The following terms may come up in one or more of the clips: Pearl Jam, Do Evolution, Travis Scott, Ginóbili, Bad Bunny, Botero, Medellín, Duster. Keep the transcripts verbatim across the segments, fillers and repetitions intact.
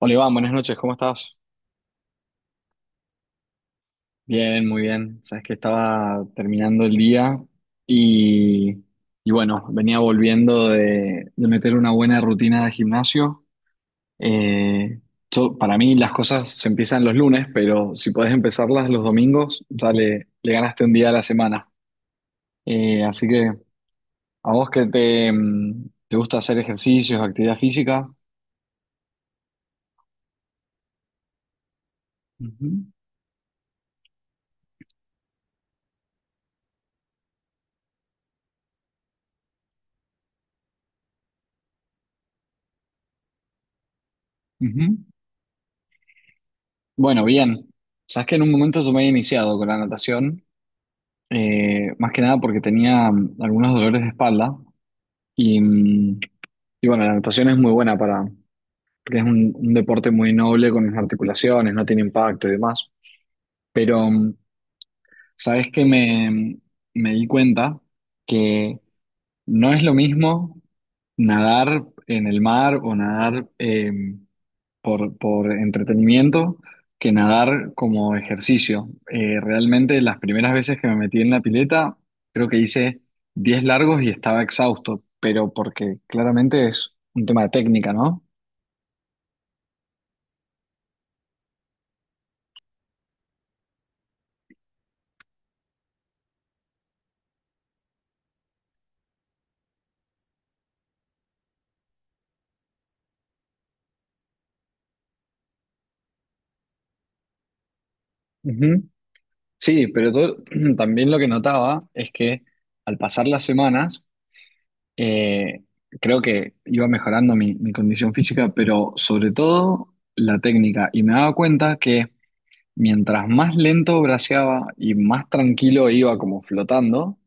Hola Iván, buenas noches, ¿cómo estás? Bien, muy bien. Sabes que estaba terminando el día y, y bueno, venía volviendo de, de meter una buena rutina de gimnasio. Eh, yo- para mí las cosas se empiezan los lunes, pero si podés empezarlas los domingos, ya le, le ganaste un día a la semana. Eh, así que a vos que te, mm, te gusta hacer ejercicios, actividad física. Ujú, ujú. Bueno, bien. Sabes que en un momento yo me había iniciado con la natación. Eh, más que nada porque tenía mm, algunos dolores de espalda y, mm, y bueno, la natación es muy buena para, porque es un, un deporte muy noble con las articulaciones, no tiene impacto y demás. Pero, mm, ¿sabes que Me, mm, me di cuenta que no es lo mismo nadar en el mar o nadar eh, por, por entretenimiento que nadar como ejercicio? Eh, realmente las primeras veces que me metí en la pileta, creo que hice diez largos y estaba exhausto, pero porque claramente es un tema de técnica, ¿no? Ujú. Sí, pero todo- también lo que notaba es que al pasar las semanas, eh, creo que iba mejorando mi, mi condición física, pero sobre todo la técnica. Y me daba cuenta que mientras más lento braceaba y más tranquilo iba como flotando,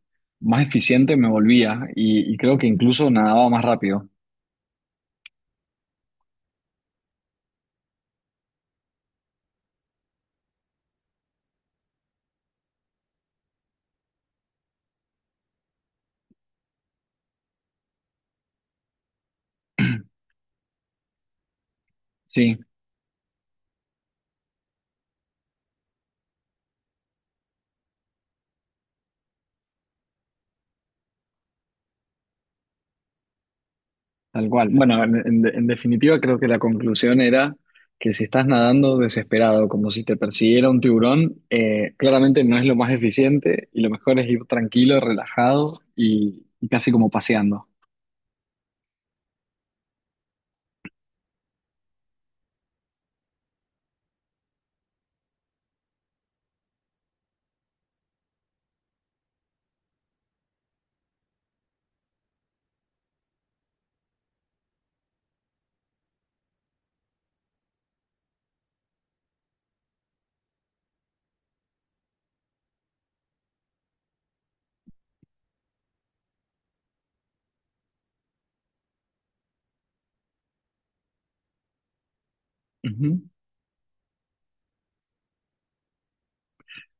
más eficiente me volvía y, y creo que incluso nadaba más rápido. Sí, tal cual. Bueno, en, en- en definitiva creo que la conclusión era que si estás nadando desesperado, como si te persiguiera un tiburón, eh, claramente no es lo más eficiente y lo mejor es ir tranquilo, relajado y, y casi como paseando.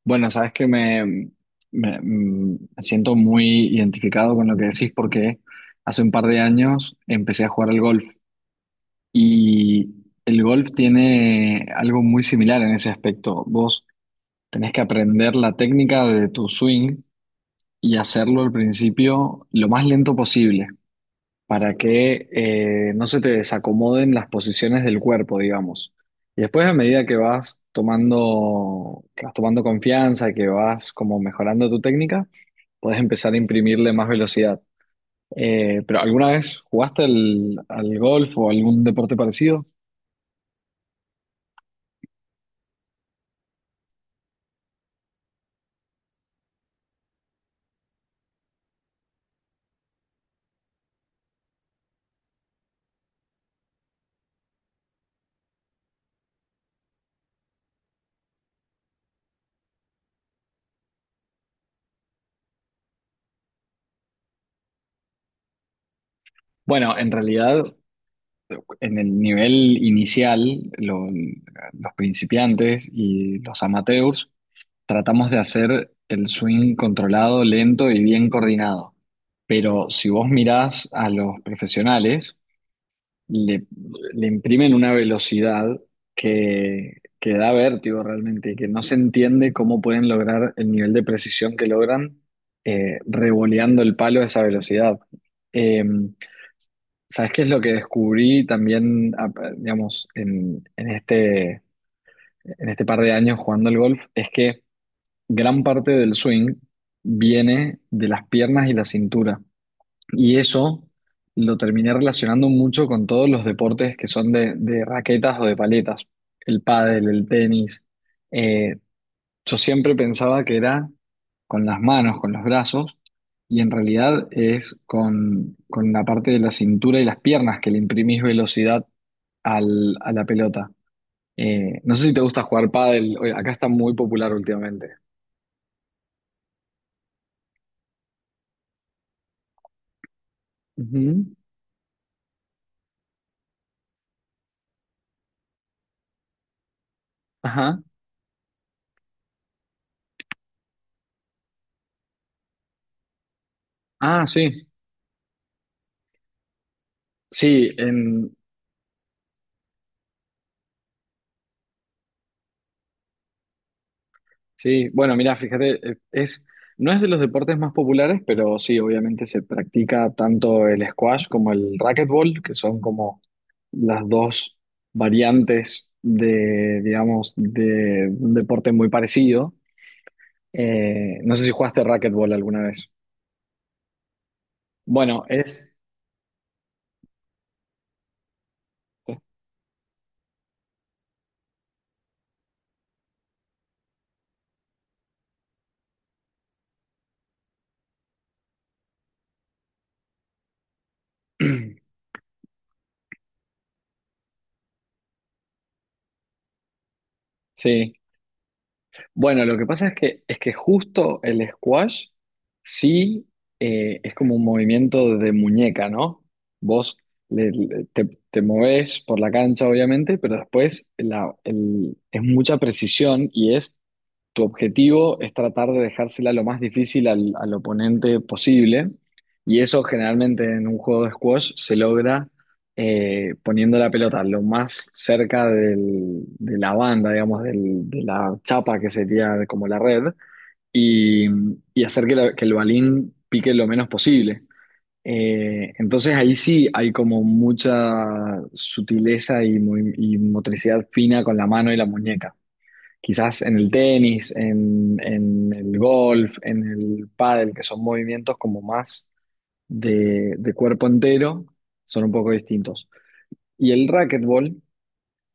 Bueno, sabes que me, me- mm, me siento muy identificado con lo que decís porque hace un par de años empecé a jugar al golf y el golf tiene algo muy similar en ese aspecto. Vos tenés que aprender la técnica de tu swing y hacerlo al principio lo más lento posible para que eh, no se te desacomoden las posiciones del cuerpo, digamos. Y después, a medida que vas tomando, que vas tomando confianza, que vas como mejorando tu técnica, puedes empezar a imprimirle más velocidad. Eh, pero ¿alguna vez jugaste al, al golf o algún deporte parecido? Bueno, en realidad, en el nivel inicial, lo- los principiantes y los amateurs tratamos de hacer el swing controlado, lento y bien coordinado. Pero si vos mirás a los profesionales, le, le imprimen una velocidad que, que da vértigo realmente y que no se entiende cómo pueden lograr el nivel de precisión que logran eh, revoleando el palo a esa velocidad. Eh, ¿Sabes qué es lo que descubrí también, ah, digamos, en, en este, en este par de años jugando al golf? Es que gran parte del swing viene de las piernas y la cintura. Y eso lo terminé relacionando mucho con todos los deportes que son de, de raquetas o de paletas. El pádel, el tenis. Eh, yo siempre pensaba que era con las manos, con los brazos, y en realidad es con, con la parte de la cintura y las piernas que le imprimís velocidad al, a la pelota. Eh, no sé si te gusta jugar pádel. Oye, acá está muy popular últimamente. Ujú. Ajá. Ah, sí. Sí, em, sí. Bueno, mira, fíjate, eh, es, no es de los deportes más populares, pero sí, obviamente se practica tanto el squash como el racquetball, que son como las dos variantes de, digamos, de un deporte muy parecido. Eh, no sé si jugaste racquetball alguna vez. Bueno, es... Sí. Bueno, lo que pasa es que, es que justo el squash, sí, eh, es como un movimiento de muñeca, ¿no? Vos le- le- te, te movés por la cancha, obviamente, pero después la- el- es mucha precisión y es tu objetivo es tratar de dejársela lo más difícil al, al oponente posible y eso generalmente en un juego de squash se logra eh, poniendo la pelota lo más cerca del- de la banda, digamos, del- de la chapa que sería como la red y, y hacer que, la- que el balín pique lo menos posible. Eh, entonces ahí sí hay como mucha sutileza y, muy- y motricidad fina con la mano y la muñeca. Quizás en el tenis, en, en el golf, en el pádel, que son movimientos como más de, de cuerpo entero, son un poco distintos. Y el racquetball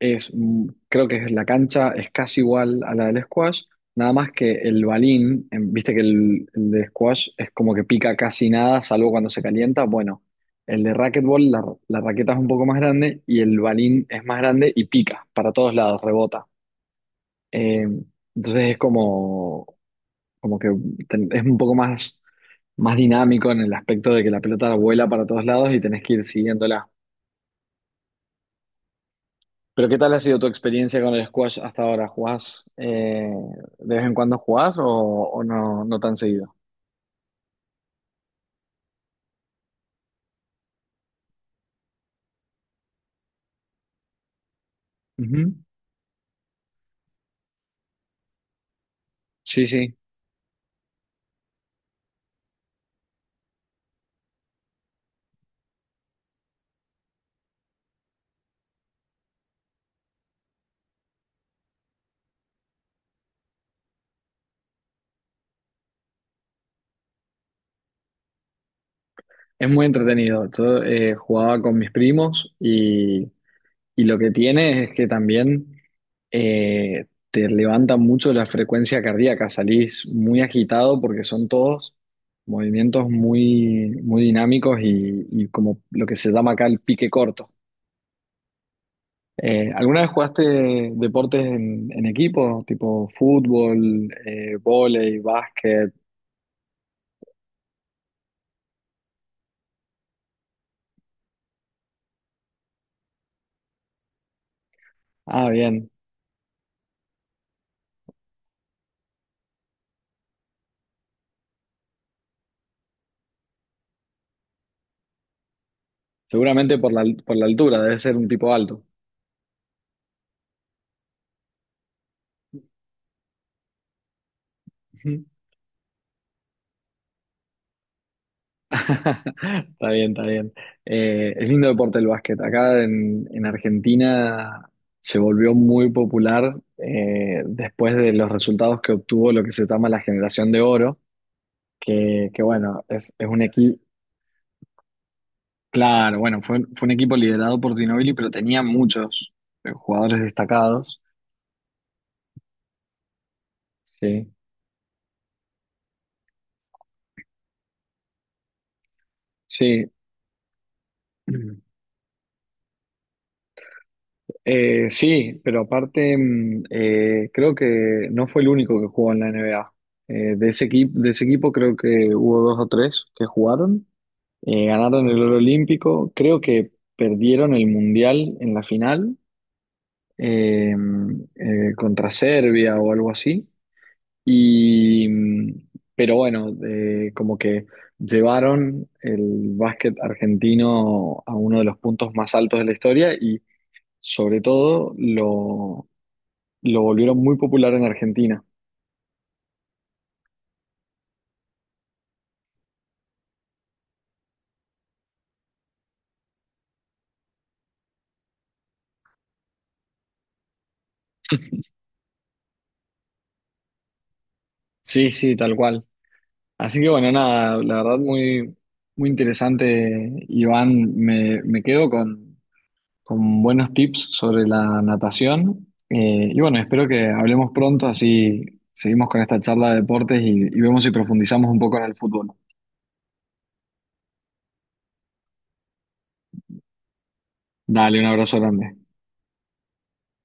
es, mm, creo que es la cancha es casi igual a la del squash, nada más que el balín, em, viste que el, el de squash es como que pica casi nada, salvo cuando se calienta. Bueno, el de racquetball, la, la raqueta es un poco más grande y el balín es más grande y pica para todos lados, rebota. Eh, entonces es como, como que ten- es un poco más, más dinámico en el aspecto de que la pelota vuela para todos lados y tenés que ir siguiéndola. Pero ¿qué tal ha sido tu experiencia con el squash hasta ahora? ¿Jugás, eh, de vez en cuando jugás o, o no, no tan seguido? Ujú. Sí, sí, es muy entretenido. Yo eh, jugaba con mis primos y Y lo que tiene es que también eh, te levanta mucho la frecuencia cardíaca, salís muy agitado porque son todos movimientos muy, muy dinámicos y, y como lo que se llama acá el pique corto. Eh, ¿alguna vez jugaste deportes en, en equipo, tipo fútbol, eh, vóley, básquet? Ah, bien. Seguramente por la, por la altura, debe ser un tipo alto. Está bien, está bien. Eh, es lindo deporte el básquet. Acá en, en Argentina se volvió muy popular eh, después de los resultados que obtuvo lo que se llama la generación de oro, que, que bueno, es, es un equipo, claro, bueno, fue, fue un equipo liderado por Ginóbili, pero tenía muchos eh, jugadores destacados. Sí, sí. Eh, sí, pero aparte mm, eh, creo que no fue el único que jugó en la N B A. Eh, de ese equipo, de ese equipo creo que hubo dos o tres que jugaron. Eh, ganaron el oro olímpico, creo que perdieron el mundial en la final eh, mm, eh, contra Serbia o algo así. Y, mm, pero bueno, eh, como que llevaron el básquet argentino a uno de los puntos más altos de la historia y sobre todo lo lo volvieron muy popular en Argentina. Sí, sí, tal cual. Así que bueno, nada, la verdad muy, muy interesante, Iván. Me, me quedo con, con buenos tips sobre la natación. Eh, y bueno, espero que hablemos pronto, así seguimos con esta charla de deportes y, y vemos si profundizamos un poco en el fútbol. Dale, un abrazo grande.